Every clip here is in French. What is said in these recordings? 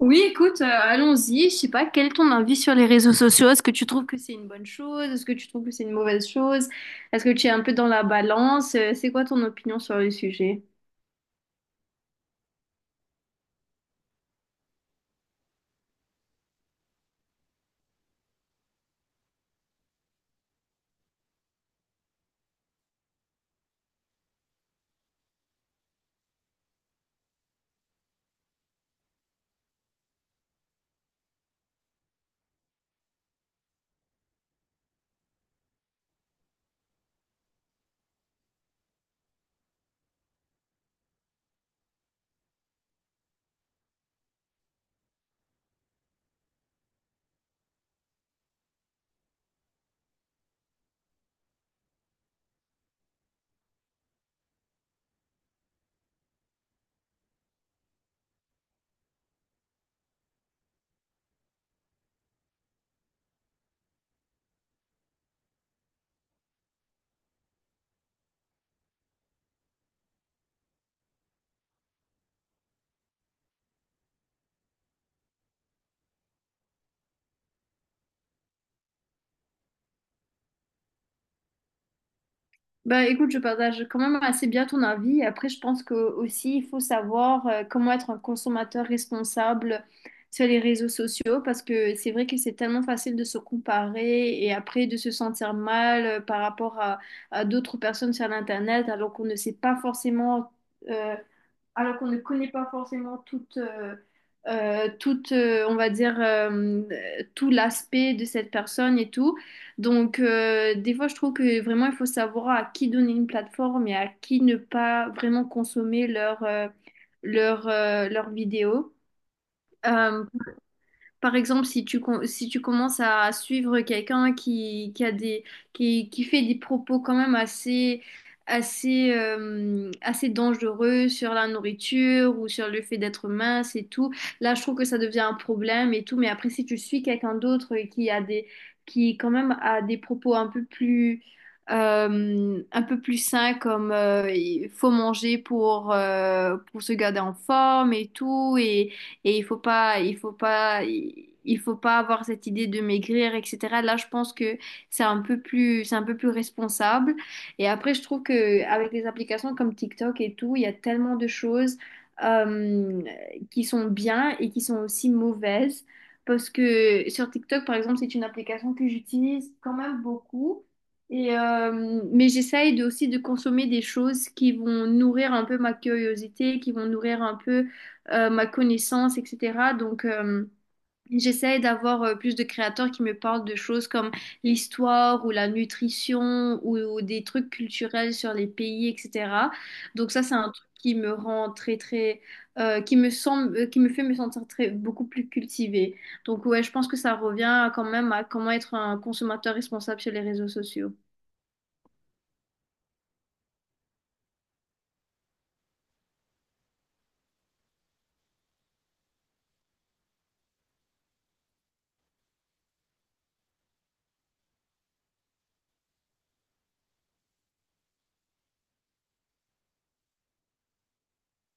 Oui, écoute, allons-y. Je sais pas, quel est ton avis sur les réseaux sociaux? Est-ce que tu trouves que c'est une bonne chose? Est-ce que tu trouves que c'est une mauvaise chose? Est-ce que tu es un peu dans la balance? C'est quoi ton opinion sur le sujet? Bah écoute, je partage quand même assez bien ton avis. Après, je pense que aussi il faut savoir comment être un consommateur responsable sur les réseaux sociaux parce que c'est vrai que c'est tellement facile de se comparer et après de se sentir mal par rapport à d'autres personnes sur l'internet euh, alors qu'on ne connaît pas forcément toute, toute on va dire, tout l'aspect de cette personne et tout. Donc, des fois, je trouve que vraiment, il faut savoir à qui donner une plateforme et à qui ne pas vraiment consommer leurs vidéos. Euh, Par exemple, si tu commences à suivre quelqu'un qui fait des propos quand même assez dangereux sur la nourriture ou sur le fait d'être mince et tout, là, je trouve que ça devient un problème et tout. Mais après, si tu suis quelqu'un d'autre qui quand même a des propos un peu plus sain comme il faut manger pour se garder en forme et tout et il faut pas avoir cette idée de maigrir, etc. Là, je pense que c'est un peu plus responsable. Et après, je trouve que avec les applications comme TikTok et tout, il y a tellement de choses euh, qui sont bien et qui sont aussi mauvaises. Parce que sur TikTok, par exemple, c'est une application que j'utilise quand même beaucoup. Mais j'essaye de, aussi de consommer des choses qui vont nourrir un peu ma curiosité, qui vont nourrir un peu ma connaissance, etc. Donc, j'essaie d'avoir plus de créateurs qui me parlent de choses comme l'histoire ou la nutrition ou des trucs culturels sur les pays, etc. Donc, ça, c'est un truc qui me rend très, très, qui me semble, qui me fait me sentir très, beaucoup plus cultivée. Donc, ouais, je pense que ça revient quand même à comment être un consommateur responsable sur les réseaux sociaux.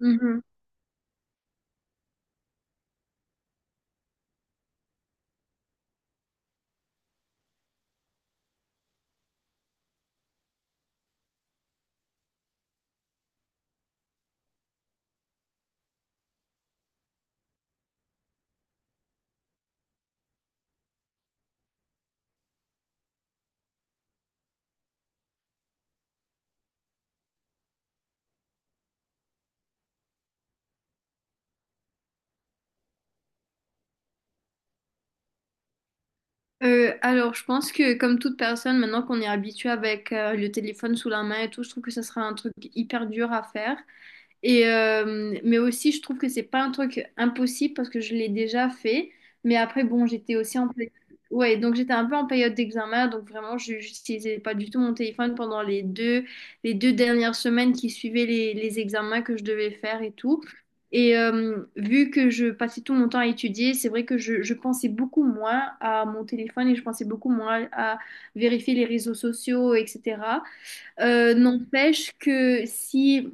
Mhm. Alors, je pense que comme toute personne, maintenant qu'on est habitué avec le téléphone sous la main et tout, je trouve que ça sera un truc hyper dur à faire. Mais aussi, je trouve que c'est pas un truc impossible parce que je l'ai déjà fait. Mais après, bon, j'étais aussi en période. Ouais, donc j'étais un peu en période d'examen, donc vraiment, je n'utilisais pas du tout mon téléphone pendant les deux dernières semaines qui suivaient les examens que je devais faire et tout. Et vu que je passais tout mon temps à étudier, c'est vrai que je pensais beaucoup moins à mon téléphone et je pensais beaucoup moins à vérifier les réseaux sociaux, etc. N'empêche que si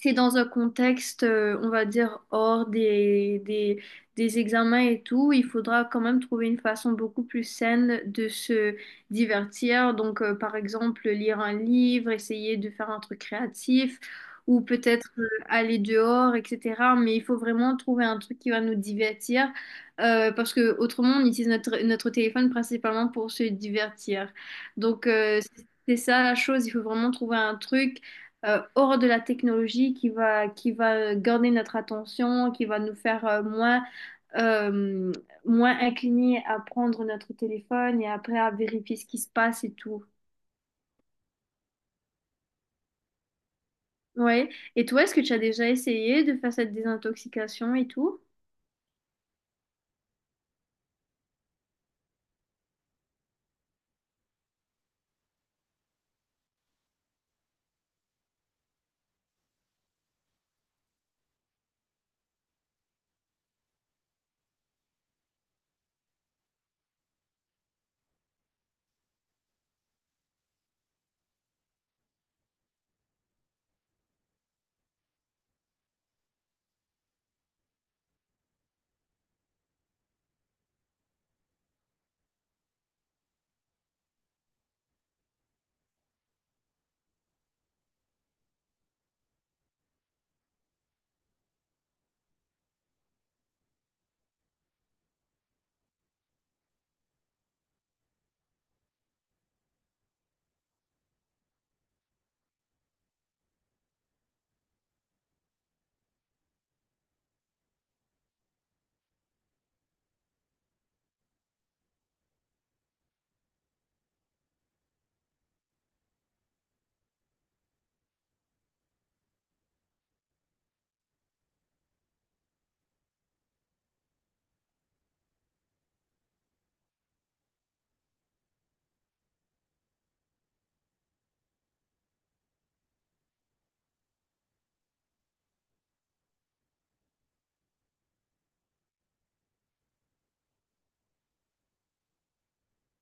c'est dans un contexte, on va dire, hors des examens et tout, il faudra quand même trouver une façon beaucoup plus saine de se divertir. Donc, par exemple, lire un livre, essayer de faire un truc créatif ou peut-être aller dehors, etc. Mais il faut vraiment trouver un truc qui va nous divertir parce que autrement, on utilise notre téléphone principalement pour se divertir. Donc, c'est ça la chose, il faut vraiment trouver un truc hors de la technologie qui va, garder notre attention, qui va nous faire euh, moins inclinés à prendre notre téléphone et après à vérifier ce qui se passe et tout. Ouais. Et toi, est-ce que tu as déjà essayé de faire cette désintoxication et tout?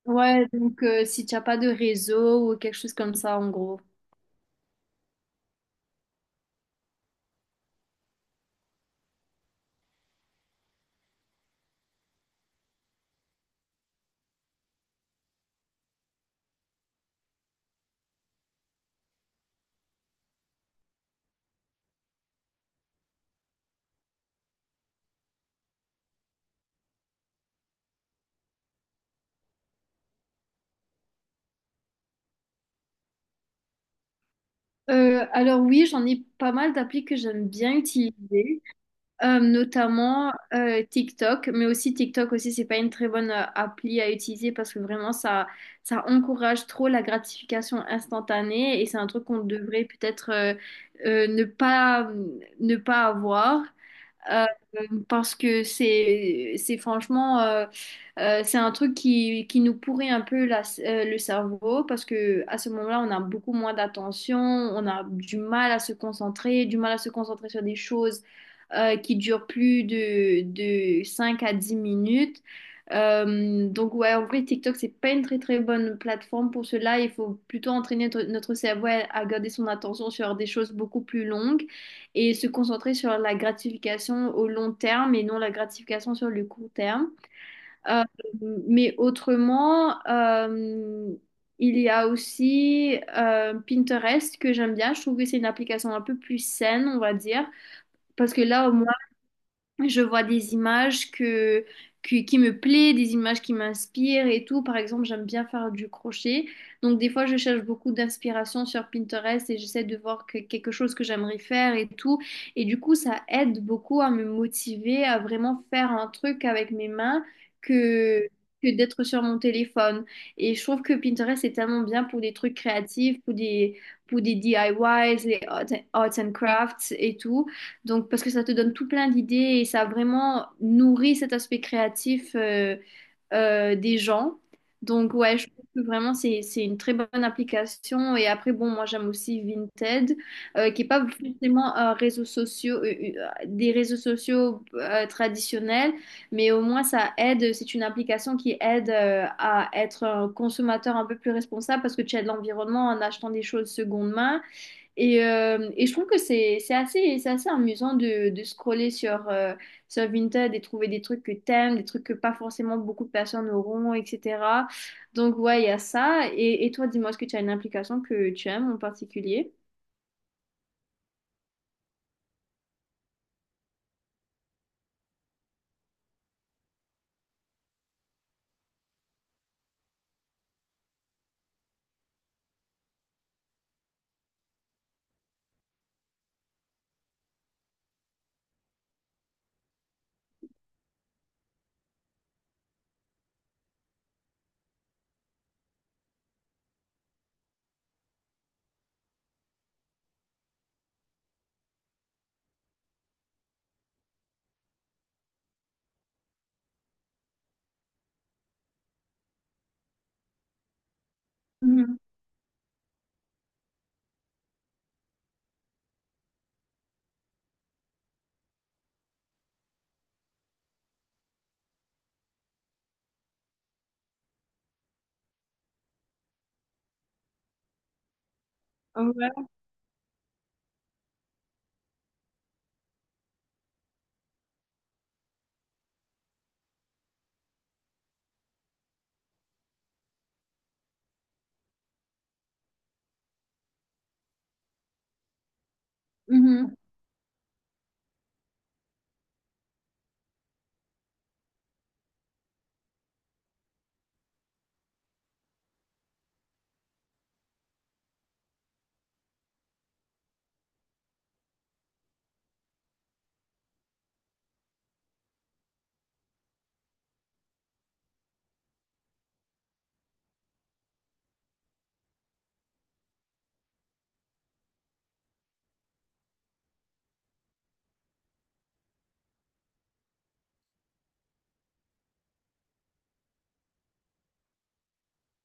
Ouais, donc si tu n'as pas de réseau ou quelque chose comme ça, en gros. Alors oui, j'en ai pas mal d'applis que j'aime bien utiliser. Notamment TikTok, mais aussi TikTok aussi, c'est pas une très bonne appli à utiliser parce que vraiment ça encourage trop la gratification instantanée et c'est un truc qu'on devrait peut-être euh, ne pas, ne pas avoir. Euh, Parce que c'est franchement c'est un truc qui nous pourrit un peu le cerveau parce que à ce moment-là on a beaucoup moins d'attention, on a du mal à se concentrer, du mal à se concentrer sur des choses qui durent plus de 5 à 10 minutes. Donc ouais, en vrai TikTok c'est pas une très très bonne plateforme pour cela, il faut plutôt entraîner notre cerveau à garder son attention sur des choses beaucoup plus longues et se concentrer sur la gratification au long terme et non la gratification sur le court terme. Euh, mais autrement, il y a aussi Pinterest que j'aime bien. Je trouve que c'est une application un peu plus saine, on va dire, parce que là, au je vois des images qui me plaisent, des images qui m'inspirent et tout. Par exemple, j'aime bien faire du crochet. Donc, des fois, je cherche beaucoup d'inspiration sur Pinterest et j'essaie de voir quelque chose que j'aimerais faire et tout. Et du coup, ça aide beaucoup à me motiver à vraiment faire un truc avec mes mains que, que d'être sur mon téléphone. Et je trouve que Pinterest est tellement bien pour des trucs créatifs, pour des DIYs, les arts and crafts et tout. Donc, parce que ça te donne tout plein d'idées et ça vraiment nourrit cet aspect créatif des gens. Donc, ouais, je trouve que vraiment, c'est une très bonne application. Et après, bon, moi, j'aime aussi Vinted, qui n'est pas forcément un réseau social, des réseaux sociaux traditionnels, mais au moins, ça aide. C'est une application qui aide à être un consommateur un peu plus responsable parce que tu aides l'environnement en achetant des choses seconde main. Et je trouve que c'est assez amusant de scroller sur Vinted et trouver des trucs que t'aimes, des trucs que pas forcément beaucoup de personnes auront, etc. Donc ouais, il y a ça. Et toi, dis-moi, est-ce que tu as une application que tu aimes en particulier? Mhm. Ouais. Mhm.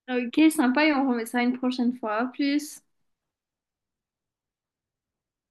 Ok, sympa et on remet ça une prochaine fois. À plus.